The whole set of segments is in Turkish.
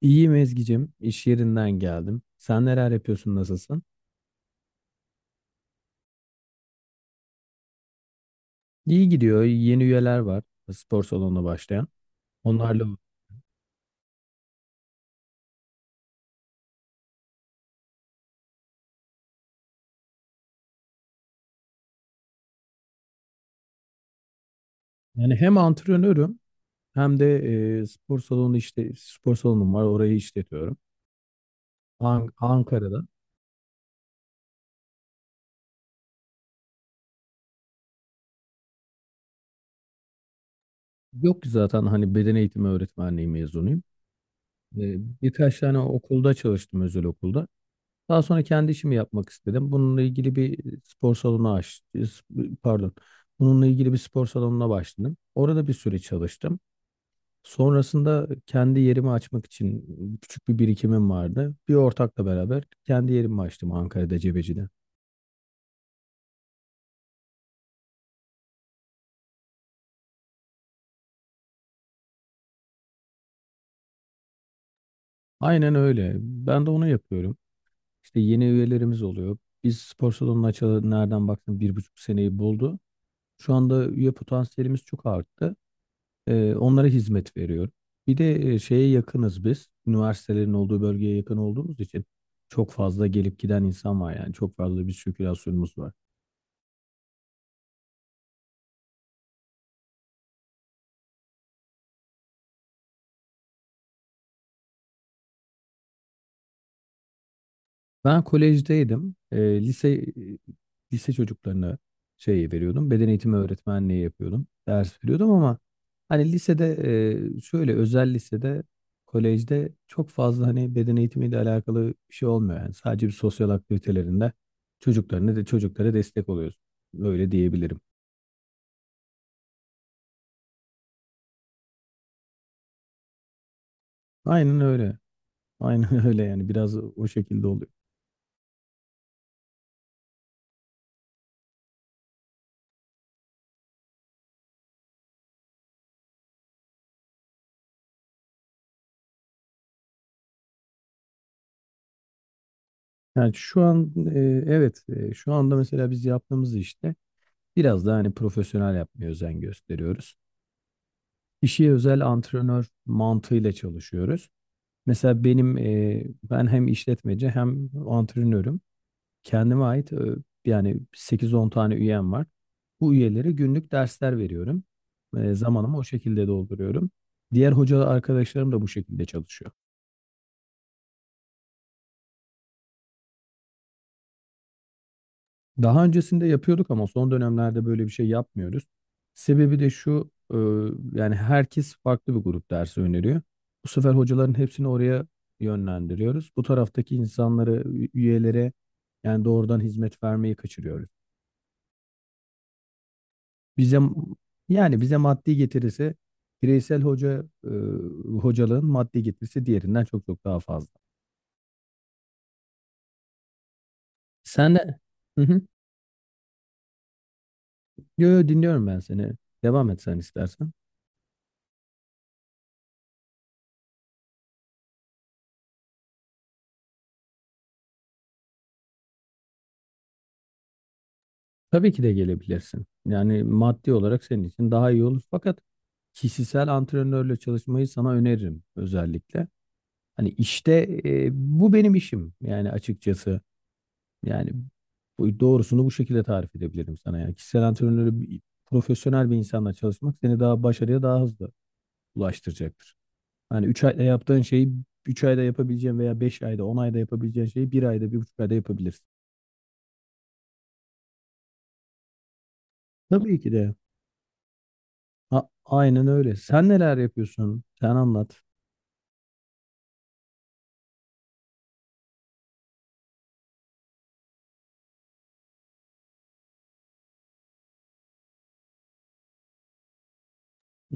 İyiyim Ezgi'cim. İş yerinden geldim. Sen neler yapıyorsun, nasılsın? İyi gidiyor. Yeni üyeler var. Spor salonuna başlayan. Onlarla yani hem antrenörüm hem de spor salonu işte spor salonum var. Orayı işletiyorum. Ankara'da. Yok ki zaten hani beden eğitimi öğretmenliği mezunuyum. E, birkaç tane okulda çalıştım özel okulda. Daha sonra kendi işimi yapmak istedim. Bununla ilgili bir spor salonu aç, pardon. Bununla ilgili bir spor salonuna başladım. Orada bir süre çalıştım. Sonrasında kendi yerimi açmak için küçük bir birikimim vardı. Bir ortakla beraber kendi yerimi açtım Ankara'da Cebeci'de. Aynen öyle. Ben de onu yapıyorum. İşte yeni üyelerimiz oluyor. Biz spor salonunu açalı nereden baktım 1,5 seneyi buldu. Şu anda üye potansiyelimiz çok arttı. Onlara hizmet veriyorum. Bir de şeye yakınız biz. Üniversitelerin olduğu bölgeye yakın olduğumuz için çok fazla gelip giden insan var yani. Çok fazla bir sirkülasyonumuz var. Ben kolejdeydim. Lise çocuklarına şey veriyordum. Beden eğitimi öğretmenliği yapıyordum. Ders veriyordum ama hani lisede şöyle özel lisede kolejde çok fazla hani beden eğitimiyle alakalı bir şey olmuyor yani. Sadece bir sosyal aktivitelerinde çocuklarına de çocuklara destek oluyoruz. Öyle diyebilirim. Aynen öyle. Aynen öyle yani biraz o şekilde oluyor. Yani şu an evet şu anda mesela biz yaptığımız işte biraz daha hani profesyonel yapmaya özen gösteriyoruz. İşi özel antrenör mantığıyla çalışıyoruz. Mesela ben hem işletmeci hem antrenörüm. Kendime ait yani 8-10 tane üyem var. Bu üyelere günlük dersler veriyorum. Zamanımı o şekilde dolduruyorum. Diğer hoca arkadaşlarım da bu şekilde çalışıyor. Daha öncesinde yapıyorduk ama son dönemlerde böyle bir şey yapmıyoruz. Sebebi de şu, yani herkes farklı bir grup dersi öneriyor. Bu sefer hocaların hepsini oraya yönlendiriyoruz. Bu taraftaki insanları, üyelere yani doğrudan hizmet vermeyi kaçırıyoruz. Bize yani bize maddi getirisi bireysel hocalığın maddi getirisi diğerinden çok çok daha fazla. Sen de. Hı hı. Yo, yo, dinliyorum ben seni. Devam et sen istersen. Tabii ki de gelebilirsin. Yani maddi olarak senin için daha iyi olur. Fakat kişisel antrenörle çalışmayı sana öneririm özellikle. Hani işte bu benim işim yani açıkçası. Yani bu doğrusunu bu şekilde tarif edebilirim sana. Yani kişisel antrenörle profesyonel bir insanla çalışmak seni daha başarıya daha hızlı ulaştıracaktır. Hani 3 ayda yaptığın şeyi 3 ayda yapabileceğin veya 5 ayda 10 ayda yapabileceğin şeyi bir ayda 1,5 ayda yapabilirsin. Tabii ki de. Aynen öyle. Sen neler yapıyorsun? Sen anlat.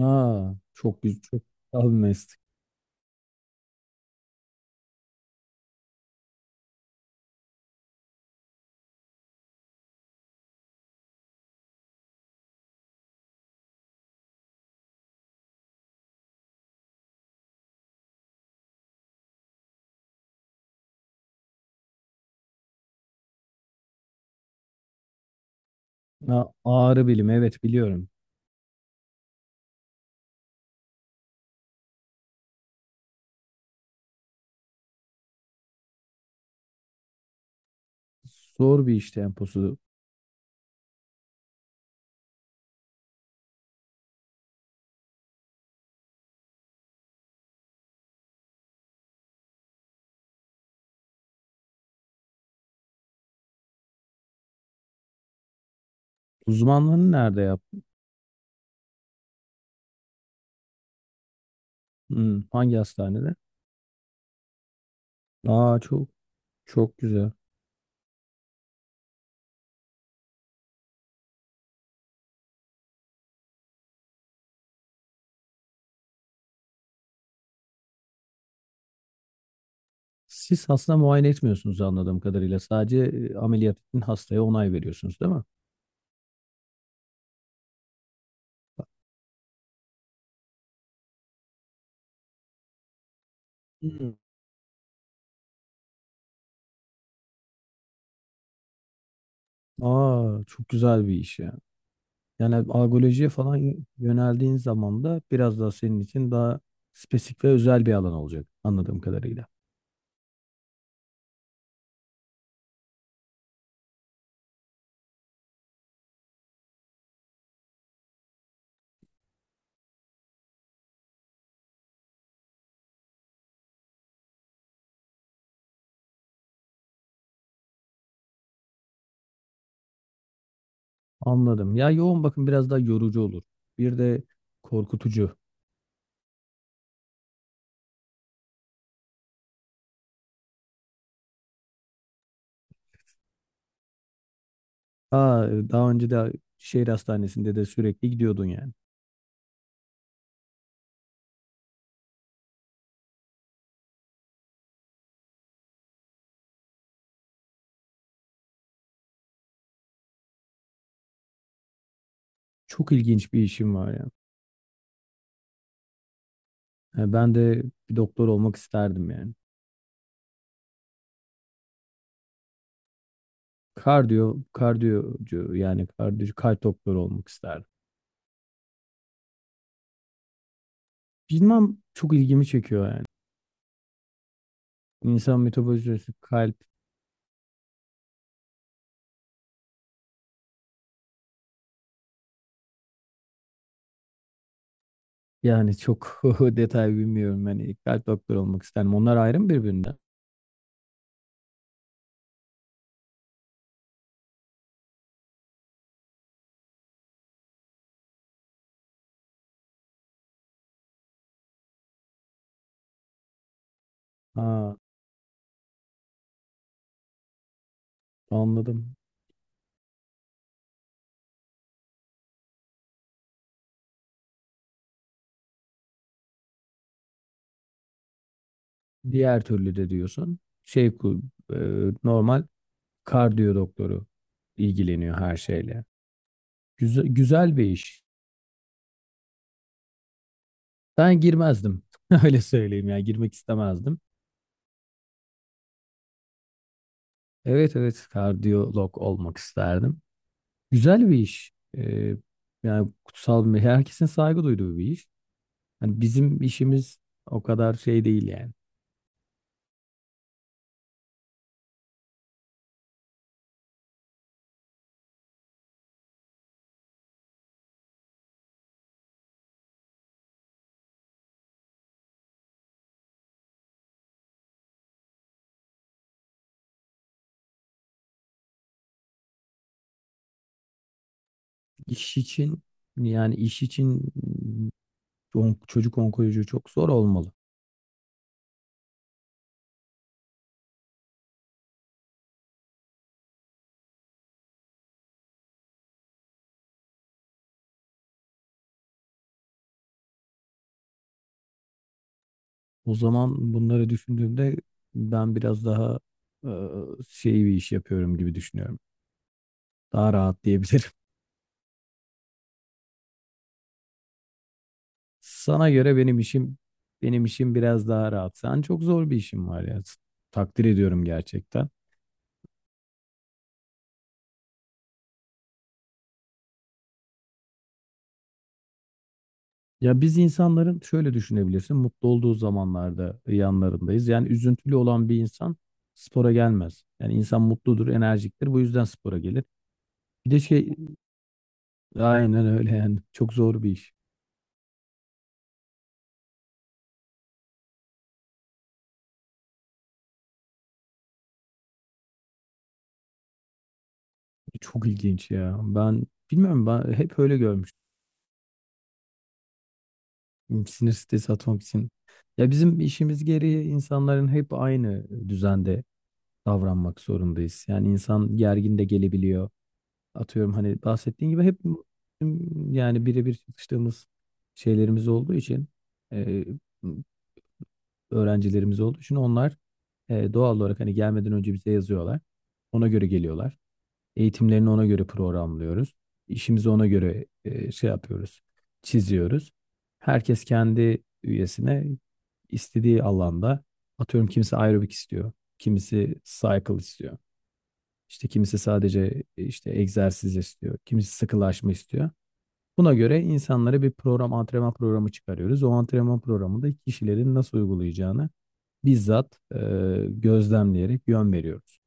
Aa, çok güzel, çok güzel bir meslek. Aa, ağrı bilimi, evet biliyorum. Zor bir iş temposu. Uzmanlığını nerede yap? Hmm, hangi hastanede? Aa, çok çok güzel. Siz hasta muayene etmiyorsunuz anladığım kadarıyla. Sadece ameliyat için hastaya onay veriyorsunuz, değil mi? Hmm. Aa, çok güzel bir iş ya. Yani algolojiye falan yöneldiğin zaman da biraz daha senin için daha spesifik ve özel bir alan olacak anladığım kadarıyla. Anladım. Ya yoğun bakım biraz daha yorucu olur. Bir de korkutucu. Aa, daha önce de şehir hastanesinde de sürekli gidiyordun yani. Çok ilginç bir işim var ya. Ha, ben de bir doktor olmak isterdim yani. Kardiyo, kardiyocu yani kardiyo, kalp doktoru olmak isterdim. Bilmem çok ilgimi çekiyor yani. İnsan metabolizması, kalp yani çok detay bilmiyorum. Yani kalp doktoru olmak isterdim. Onlar ayrı mı birbirinden? Ha, anladım. Diğer türlü de diyorsun şey e, normal kardiyo doktoru ilgileniyor her şeyle. Güzel, güzel bir iş. Ben girmezdim. Öyle söyleyeyim ya girmek istemezdim. Evet evet kardiyolog olmak isterdim. Güzel bir iş. Ee, yani kutsal bir herkesin saygı duyduğu bir iş. Hani bizim işimiz o kadar şey değil yani. İş için iş için çocuk onkoloji çok zor olmalı. O zaman bunları düşündüğümde ben biraz daha e, şey bir iş yapıyorum gibi düşünüyorum. Daha rahat diyebilirim. Sana göre benim işim biraz daha rahat. Sen çok zor bir işin var ya. Takdir ediyorum gerçekten. Ya biz insanların şöyle düşünebilirsin. Mutlu olduğu zamanlarda yanlarındayız. Yani üzüntülü olan bir insan spora gelmez. Yani insan mutludur, enerjiktir. Bu yüzden spora gelir. Bir de şey aynen öyle yani. Çok zor bir iş. Çok ilginç ya. Ben bilmiyorum ben hep öyle görmüştüm. Sinir sitesi atmak için. Ya bizim işimiz gereği insanların hep aynı düzende davranmak zorundayız. Yani insan gergin de gelebiliyor. Atıyorum hani bahsettiğin gibi hep yani birebir çalıştığımız şeylerimiz olduğu için e, öğrencilerimiz olduğu için onlar doğal olarak hani gelmeden önce bize yazıyorlar. Ona göre geliyorlar. Eğitimlerini ona göre programlıyoruz. İşimizi ona göre şey yapıyoruz, çiziyoruz. Herkes kendi üyesine istediği alanda atıyorum kimisi aerobik istiyor, kimisi cycle istiyor. İşte kimisi sadece işte egzersiz istiyor, kimisi sıkılaşma istiyor. Buna göre insanlara bir program, antrenman programı çıkarıyoruz. O antrenman programında kişilerin nasıl uygulayacağını bizzat gözlemleyerek yön veriyoruz.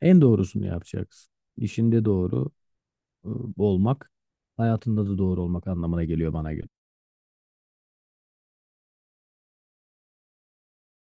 En doğrusunu yapacaksın. İşinde doğru e, olmak, hayatında da doğru olmak anlamına geliyor bana göre.